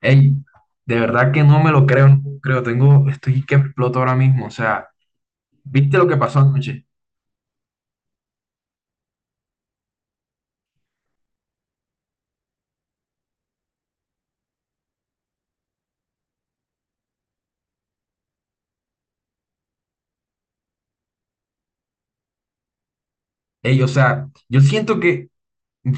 Ey, de verdad que no me lo creo, no lo creo, estoy que exploto ahora mismo, o sea, ¿viste lo que pasó anoche? Ey, o sea,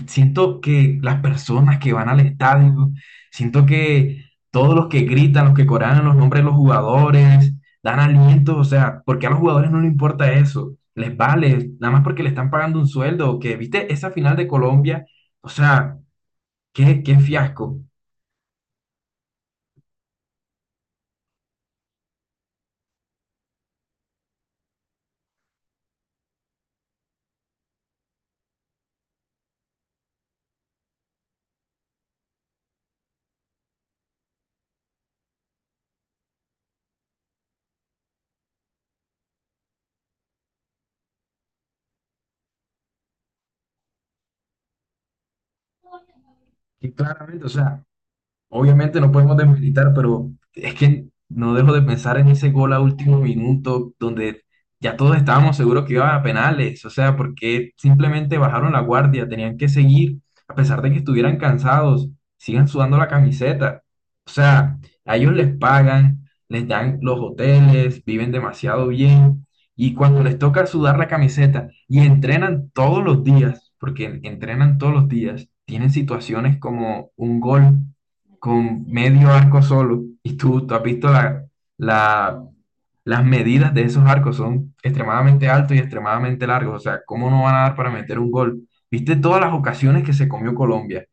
siento que las personas que van al estadio, siento que todos los que gritan, los que corean los nombres de los jugadores, dan alientos, o sea, ¿porque a los jugadores no les importa eso? Les vale, nada más porque le están pagando un sueldo, que, ¿viste? Esa final de Colombia, o sea, qué fiasco. Y claramente, o sea, obviamente no podemos desmilitar, pero es que no dejo de pensar en ese gol a último minuto donde ya todos estábamos seguros que iban a penales, o sea, porque simplemente bajaron la guardia, tenían que seguir, a pesar de que estuvieran cansados, sigan sudando la camiseta. O sea, a ellos les pagan, les dan los hoteles, viven demasiado bien, y cuando les toca sudar la camiseta y entrenan todos los días, porque entrenan todos los días, tienen situaciones como un gol con medio arco solo. Y tú has visto la, las medidas de esos arcos, son extremadamente altos y extremadamente largos. O sea, ¿cómo no van a dar para meter un gol? ¿Viste todas las ocasiones que se comió Colombia?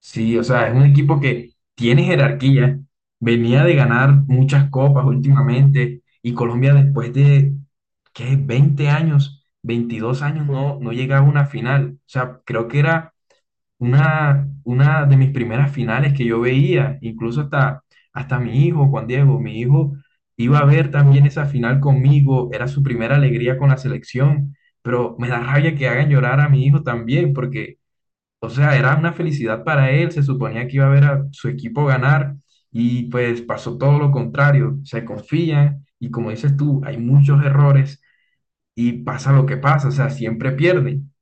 Sí, o sea, es un equipo que tiene jerarquía, venía de ganar muchas copas últimamente y Colombia después de, ¿qué? Veinte años, 22 años no llegaba a una final. O sea, creo que era una de mis primeras finales que yo veía, incluso hasta mi hijo, Juan Diego, mi hijo iba a ver también esa final conmigo, era su primera alegría con la selección, pero me da rabia que hagan llorar a mi hijo también, porque, o sea, era una felicidad para él, se suponía que iba a ver a su equipo ganar y pues pasó todo lo contrario, se confían y como dices tú, hay muchos errores y pasa lo que pasa, o sea, siempre pierden.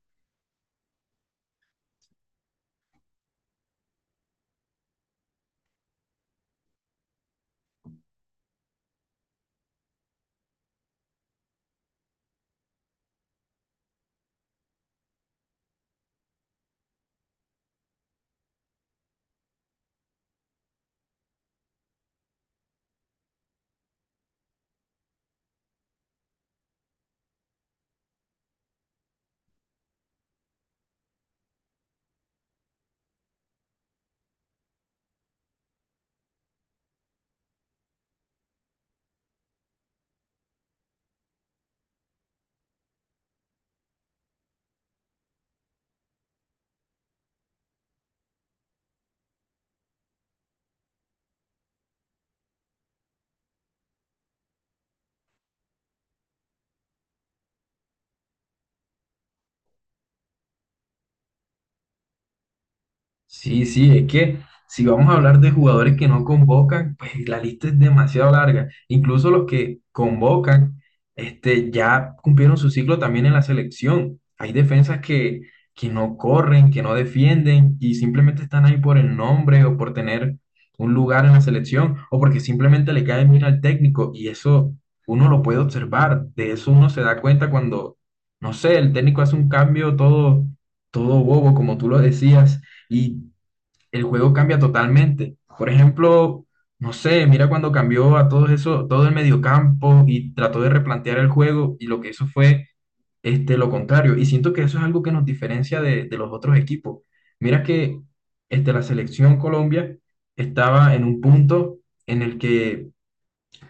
Sí, sí, es que si vamos a hablar de jugadores que no convocan, pues la lista es demasiado larga. Incluso los que convocan, este, ya cumplieron su ciclo también en la selección. Hay defensas que no corren, que no defienden y simplemente están ahí por el nombre o por tener un lugar en la selección o porque simplemente le cae bien al técnico y eso uno lo puede observar. De eso uno se da cuenta cuando, no sé, el técnico hace un cambio todo bobo, como tú lo decías, y el juego cambia totalmente. Por ejemplo, no sé, mira cuando cambió a todo eso, todo el mediocampo y trató de replantear el juego y lo que hizo fue este, lo contrario. Y siento que eso es algo que nos diferencia de los otros equipos. Mira que este, la selección Colombia estaba en un punto en el que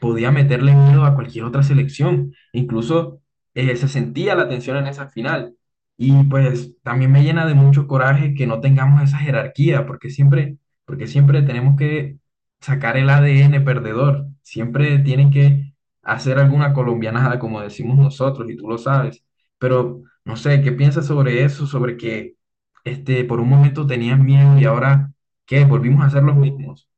podía meterle miedo a cualquier otra selección. Incluso se sentía la tensión en esa final. Y pues también me llena de mucho coraje que no tengamos esa jerarquía, porque siempre, tenemos que sacar el ADN perdedor. Siempre tienen que hacer alguna colombianada, como decimos nosotros, y tú lo sabes. Pero no sé, ¿qué piensas sobre eso? Sobre que este, por un momento tenían miedo y ahora, ¿qué? Volvimos a ser los mismos.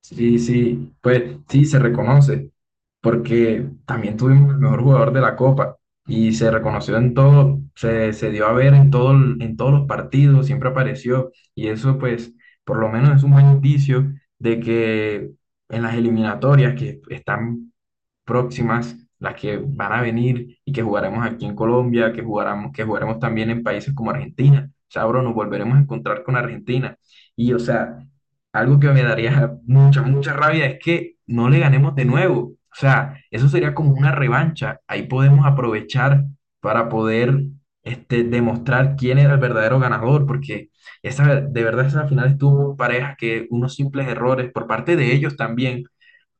Sí, sí, pues sí, se reconoce, porque también tuvimos el mejor jugador de la Copa y se reconoció en todo, se dio a ver en todo, en todos los partidos, siempre apareció y eso pues por lo menos es un buen indicio de que en las eliminatorias que están próximas, las que van a venir y que jugaremos aquí en Colombia, que jugaremos también en países como Argentina. O sea, bro, nos volveremos a encontrar con Argentina. Y, o sea, algo que me daría mucha, mucha rabia es que no le ganemos de nuevo. O sea, eso sería como una revancha. Ahí podemos aprovechar para poder este, demostrar quién era el verdadero ganador, porque esa, de verdad esa final estuvo pareja, que unos simples errores por parte de ellos también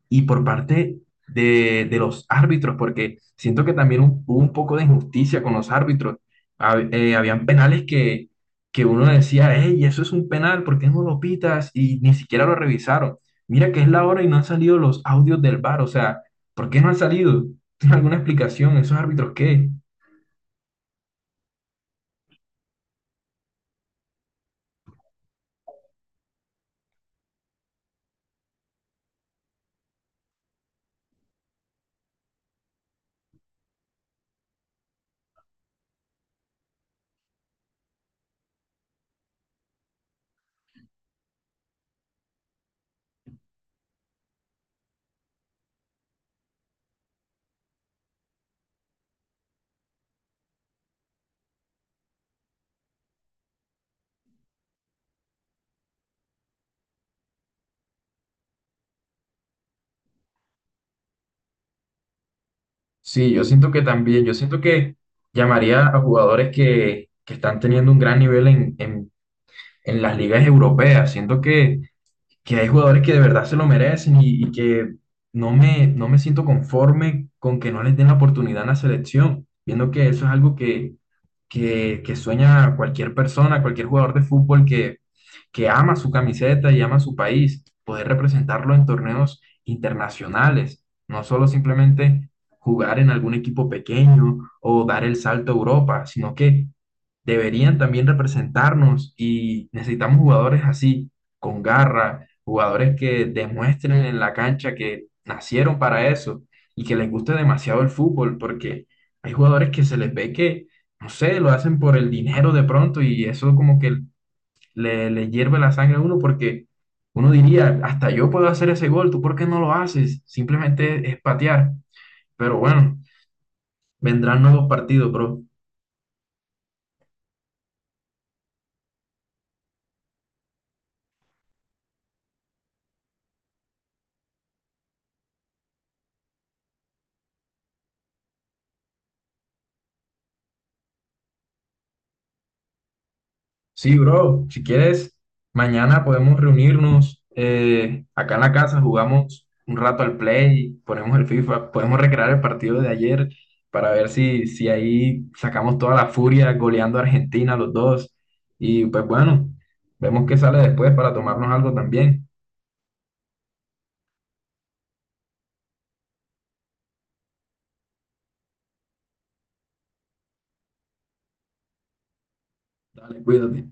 y por parte de los árbitros, porque siento que también hubo un poco de injusticia con los árbitros. Habían penales que uno decía, hey, eso es un penal, ¿por qué no lo pitas? Y ni siquiera lo revisaron. Mira que es la hora y no han salido los audios del VAR, o sea, ¿por qué no han salido? ¿Tienes alguna explicación? ¿Esos árbitros qué? Sí, yo siento que también, yo siento que llamaría a jugadores que están teniendo un gran nivel en las ligas europeas. Siento que hay jugadores que de verdad se lo merecen y que no me siento conforme con que no les den la oportunidad en la selección, viendo que eso es algo que sueña cualquier persona, cualquier jugador de fútbol que ama su camiseta y ama su país, poder representarlo en torneos internacionales, no solo simplemente jugar en algún equipo pequeño o dar el salto a Europa, sino que deberían también representarnos y necesitamos jugadores así, con garra, jugadores que demuestren en la cancha que nacieron para eso y que les guste demasiado el fútbol, porque hay jugadores que se les ve que, no sé, lo hacen por el dinero de pronto y eso como que le hierve la sangre a uno porque uno diría, hasta yo puedo hacer ese gol, ¿tú por qué no lo haces? Simplemente es patear, pero bueno, vendrán nuevos partidos, bro. Sí, bro, si quieres, mañana podemos reunirnos acá en la casa, jugamos un rato al Play, ponemos el FIFA, podemos recrear el partido de ayer para ver si, ahí sacamos toda la furia goleando a Argentina los dos. Y pues bueno, vemos qué sale después para tomarnos algo también. Dale, cuídate.